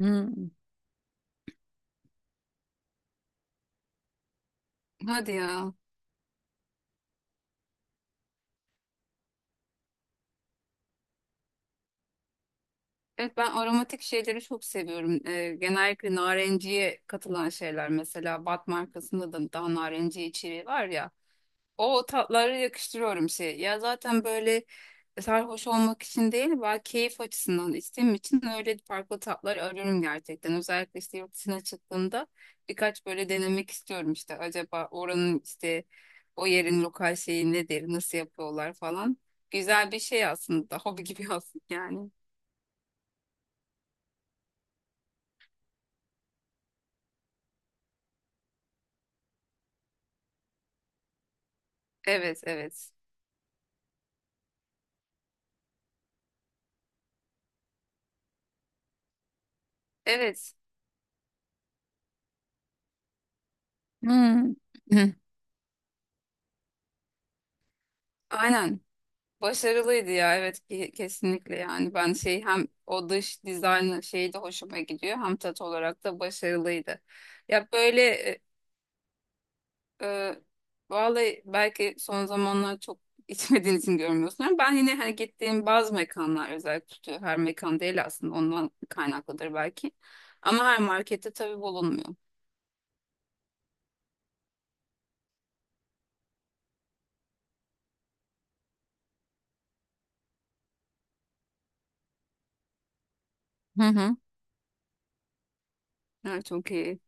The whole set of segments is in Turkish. Hı. Hadi ya. Evet, ben aromatik şeyleri çok seviyorum. Genellikle narenciye katılan şeyler, mesela Bat markasında da daha narenciye içeriği var ya. O tatları yakıştırıyorum şey. Ya zaten böyle sarhoş olmak için değil, ben keyif açısından içtiğim için öyle farklı tatlar arıyorum gerçekten. Özellikle işte yurt dışına çıktığımda birkaç böyle denemek istiyorum işte. Acaba oranın işte o yerin lokal şeyi nedir, nasıl yapıyorlar falan. Güzel bir şey aslında, hobi gibi aslında yani. Evet, evet. Evet. Hmm. Aynen. Başarılıydı ya, evet, kesinlikle. Yani ben şey, hem o dış dizayn şeyi de hoşuma gidiyor, hem tat olarak da başarılıydı. Ya böyle e, vallahi belki son zamanlar çok içmediğin için görmüyorsun ama ben yine hani gittiğim bazı mekanlar özellikle tutuyor. Her mekan değil, aslında ondan kaynaklıdır belki. Ama her markette tabii bulunmuyor. Hı hı. Evet, çok iyi.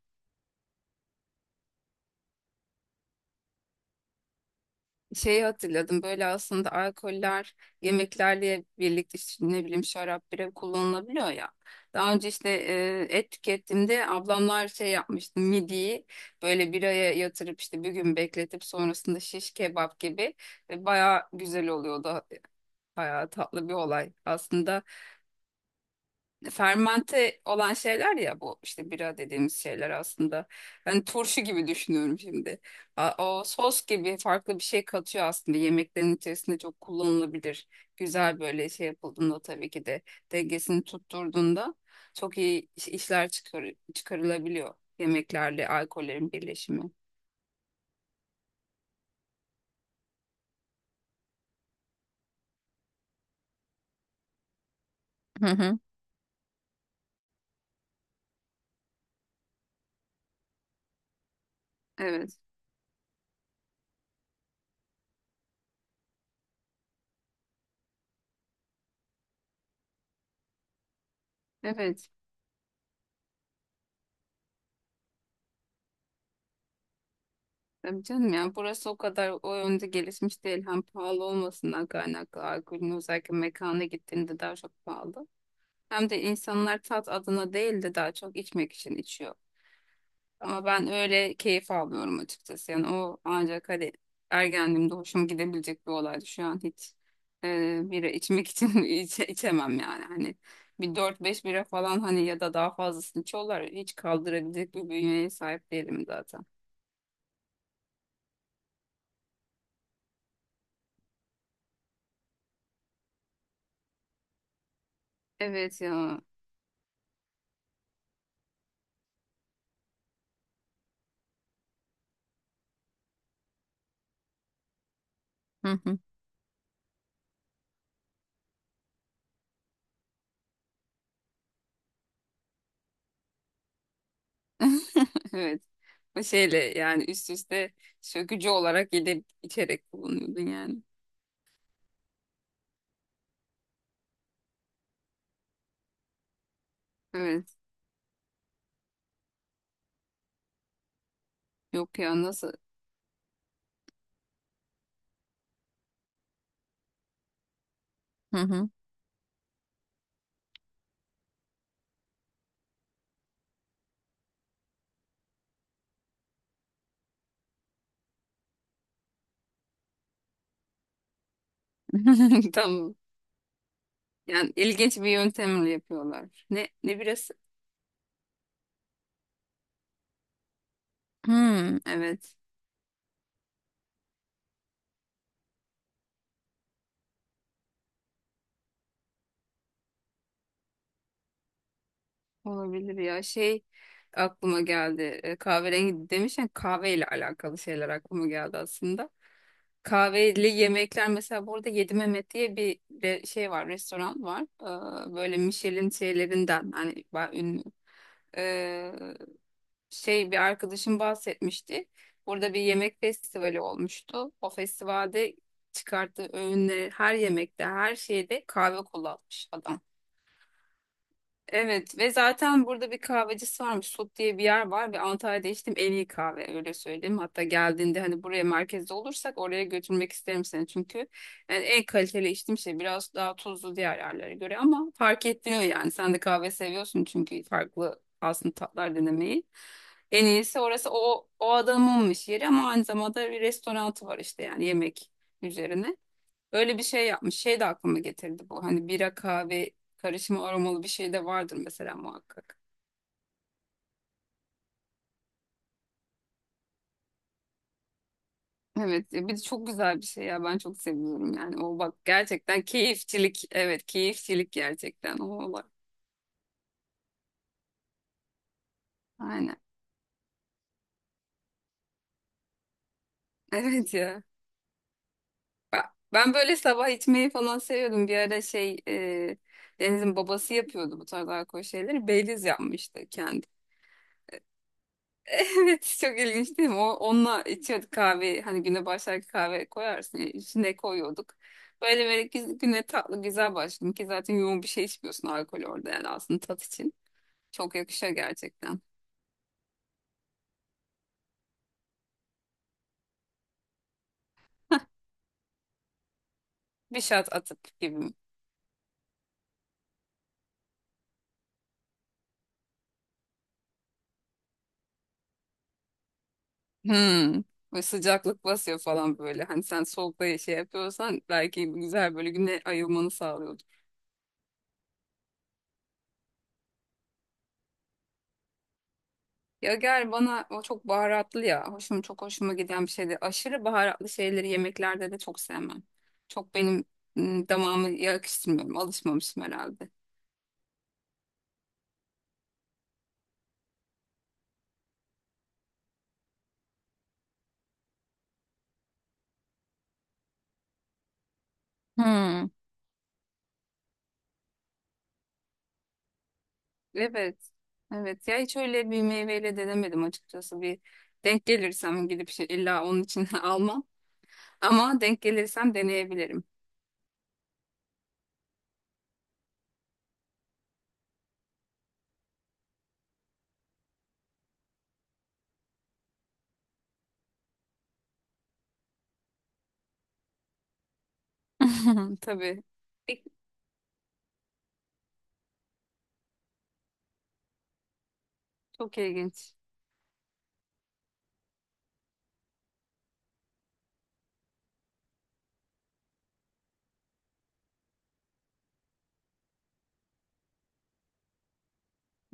Şeyi hatırladım böyle, aslında alkoller yemeklerle birlikte işte ne bileyim şarap, bira kullanılabiliyor ya. Daha önce işte et tükettiğimde ablamlar şey yapmıştı, midiyi böyle biraya yatırıp işte bir gün bekletip sonrasında şiş kebap gibi, ve baya güzel oluyordu. Baya tatlı bir olay aslında, fermente olan şeyler ya, bu işte bira dediğimiz şeyler aslında. Ben turşu gibi düşünüyorum şimdi. O sos gibi farklı bir şey katıyor, aslında yemeklerin içerisinde çok kullanılabilir. Güzel böyle şey yapıldığında, tabii ki de dengesini tutturduğunda, çok iyi işler çıkar, çıkarılabiliyor yemeklerle alkollerin birleşimi. Hı hı. Evet. Evet. Tabii canım, yani burası o kadar o yönde gelişmiş değil. Hem pahalı olmasından kaynaklı alkolün, özellikle mekana gittiğinde daha çok pahalı. Hem de insanlar tat adına değil de daha çok içmek için içiyor. Ama ben öyle keyif almıyorum açıkçası. Yani o ancak hani ergenliğimde hoşuma gidebilecek bir olaydı. Şu an hiç bira içmek için içemem yani. Hani bir 4-5 bira falan, hani ya da daha fazlasını içiyorlar. Hiç kaldırabilecek bir bünyeye sahip değilim zaten. Evet ya. Evet. O şeyle yani üst üste sökücü olarak gidip içerek kullanıyordun yani. Evet. Yok ya, nasıl? Hı hı. Tamam. Yani ilginç bir yöntemle yapıyorlar. Ne birisi? Hmm, evet. Olabilir ya. Şey aklıma geldi. Kahverengi demişken kahveyle alakalı şeyler aklıma geldi aslında. Kahveli yemekler, mesela burada Yedi Mehmet diye bir şey var, restoran var. Böyle Michelin şeylerinden hani ünlü. Ee, Şey, bir arkadaşım bahsetmişti. Burada bir yemek festivali olmuştu. O festivalde çıkarttığı öğünleri, her yemekte, her şeyde kahve kullanmış adam. Evet, ve zaten burada bir kahvecisi varmış. Sot diye bir yer var ve Antalya'da içtim en iyi kahve, öyle söyleyeyim. Hatta geldiğinde hani buraya merkezde olursak oraya götürmek isterim seni, çünkü yani en kaliteli içtiğim şey, biraz daha tuzlu diğer yerlere göre ama fark ettiriyor yani. Sen de kahve seviyorsun çünkü farklı aslında tatlar denemeyi. En iyisi orası, o adamınmış yeri, ama aynı zamanda bir restoranı var işte yani yemek üzerine. Öyle bir şey yapmış. Şey de aklıma getirdi bu. Hani bira kahve karışımı aromalı bir şey de vardır mesela muhakkak. Evet ya, bir de çok güzel bir şey ya, ben çok seviyorum yani o. Bak gerçekten keyifçilik, evet, keyifçilik gerçekten o olay. Aynen, evet ya. Ben böyle sabah içmeyi falan seviyordum bir ara. Şey, Deniz'in babası yapıyordu bu tarz alkol şeyleri. Baileys yapmıştı kendi. Evet, çok ilginç değil mi? O, onunla içiyorduk kahve. Hani güne başlarken kahve koyarsın, ya, içine koyuyorduk. Böyle böyle güne tatlı, güzel başladım ki, zaten yoğun bir şey içmiyorsun alkol orada, yani aslında tat için. Çok yakışıyor gerçekten. Bir şat atıp gibi. Hmm. Böyle sıcaklık basıyor falan böyle. Hani sen soğukta şey yapıyorsan, belki güzel böyle güne ayılmanı sağlıyor. Ya gel, bana o çok baharatlı ya. Hoşum, çok hoşuma giden bir şeydi. Aşırı baharatlı şeyleri yemeklerde de çok sevmem. Çok benim damağımı yakıştırmıyorum. Alışmamışım herhalde. Hmm. Evet. Evet ya, hiç öyle bir meyveyle denemedim açıkçası. Bir denk gelirsem gidip şey, illa onun için almam. Ama denk gelirsem deneyebilirim. Tabii. Çok ilginç.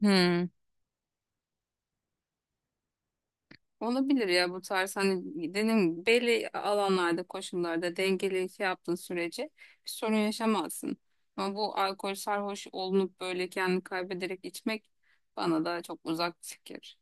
Hmm. Olabilir ya, bu tarz hani dediğim gibi belli alanlarda, koşullarda dengeli şey yaptığın sürece bir sorun yaşamazsın. Ama bu alkol sarhoş olunup böyle kendini kaybederek içmek bana da çok uzak bir fikir.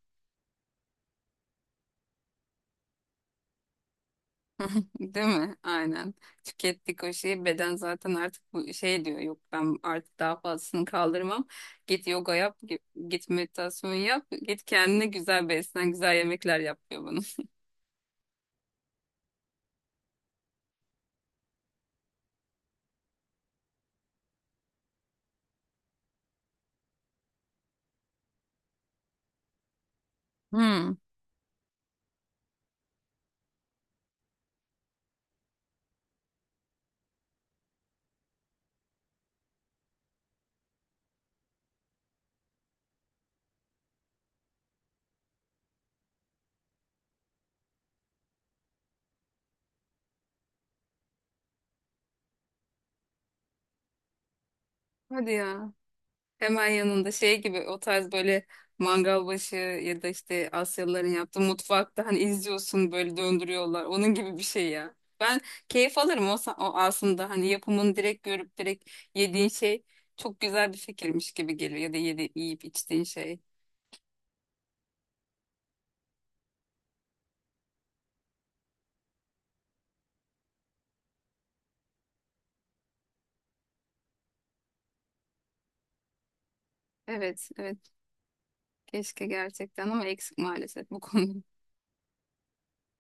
Değil mi? Aynen. Tükettik o şeyi. Beden zaten artık bu şey diyor, yok, ben artık daha fazlasını kaldırmam. Git yoga yap, git meditasyon yap, git kendine güzel beslen, güzel yemekler yap, diyor bunu. Hmm. Hadi ya. Hemen yanında şey gibi o tarz, böyle mangal başı ya da işte Asyalıların yaptığı mutfakta hani izliyorsun böyle, döndürüyorlar. Onun gibi bir şey ya. Ben keyif alırım o, o aslında hani yapımını direkt görüp direkt yediğin şey çok güzel bir fikirmiş gibi geliyor, ya da yiyip içtiğin şey. Evet, evet. Keşke gerçekten, ama eksik maalesef bu konuda.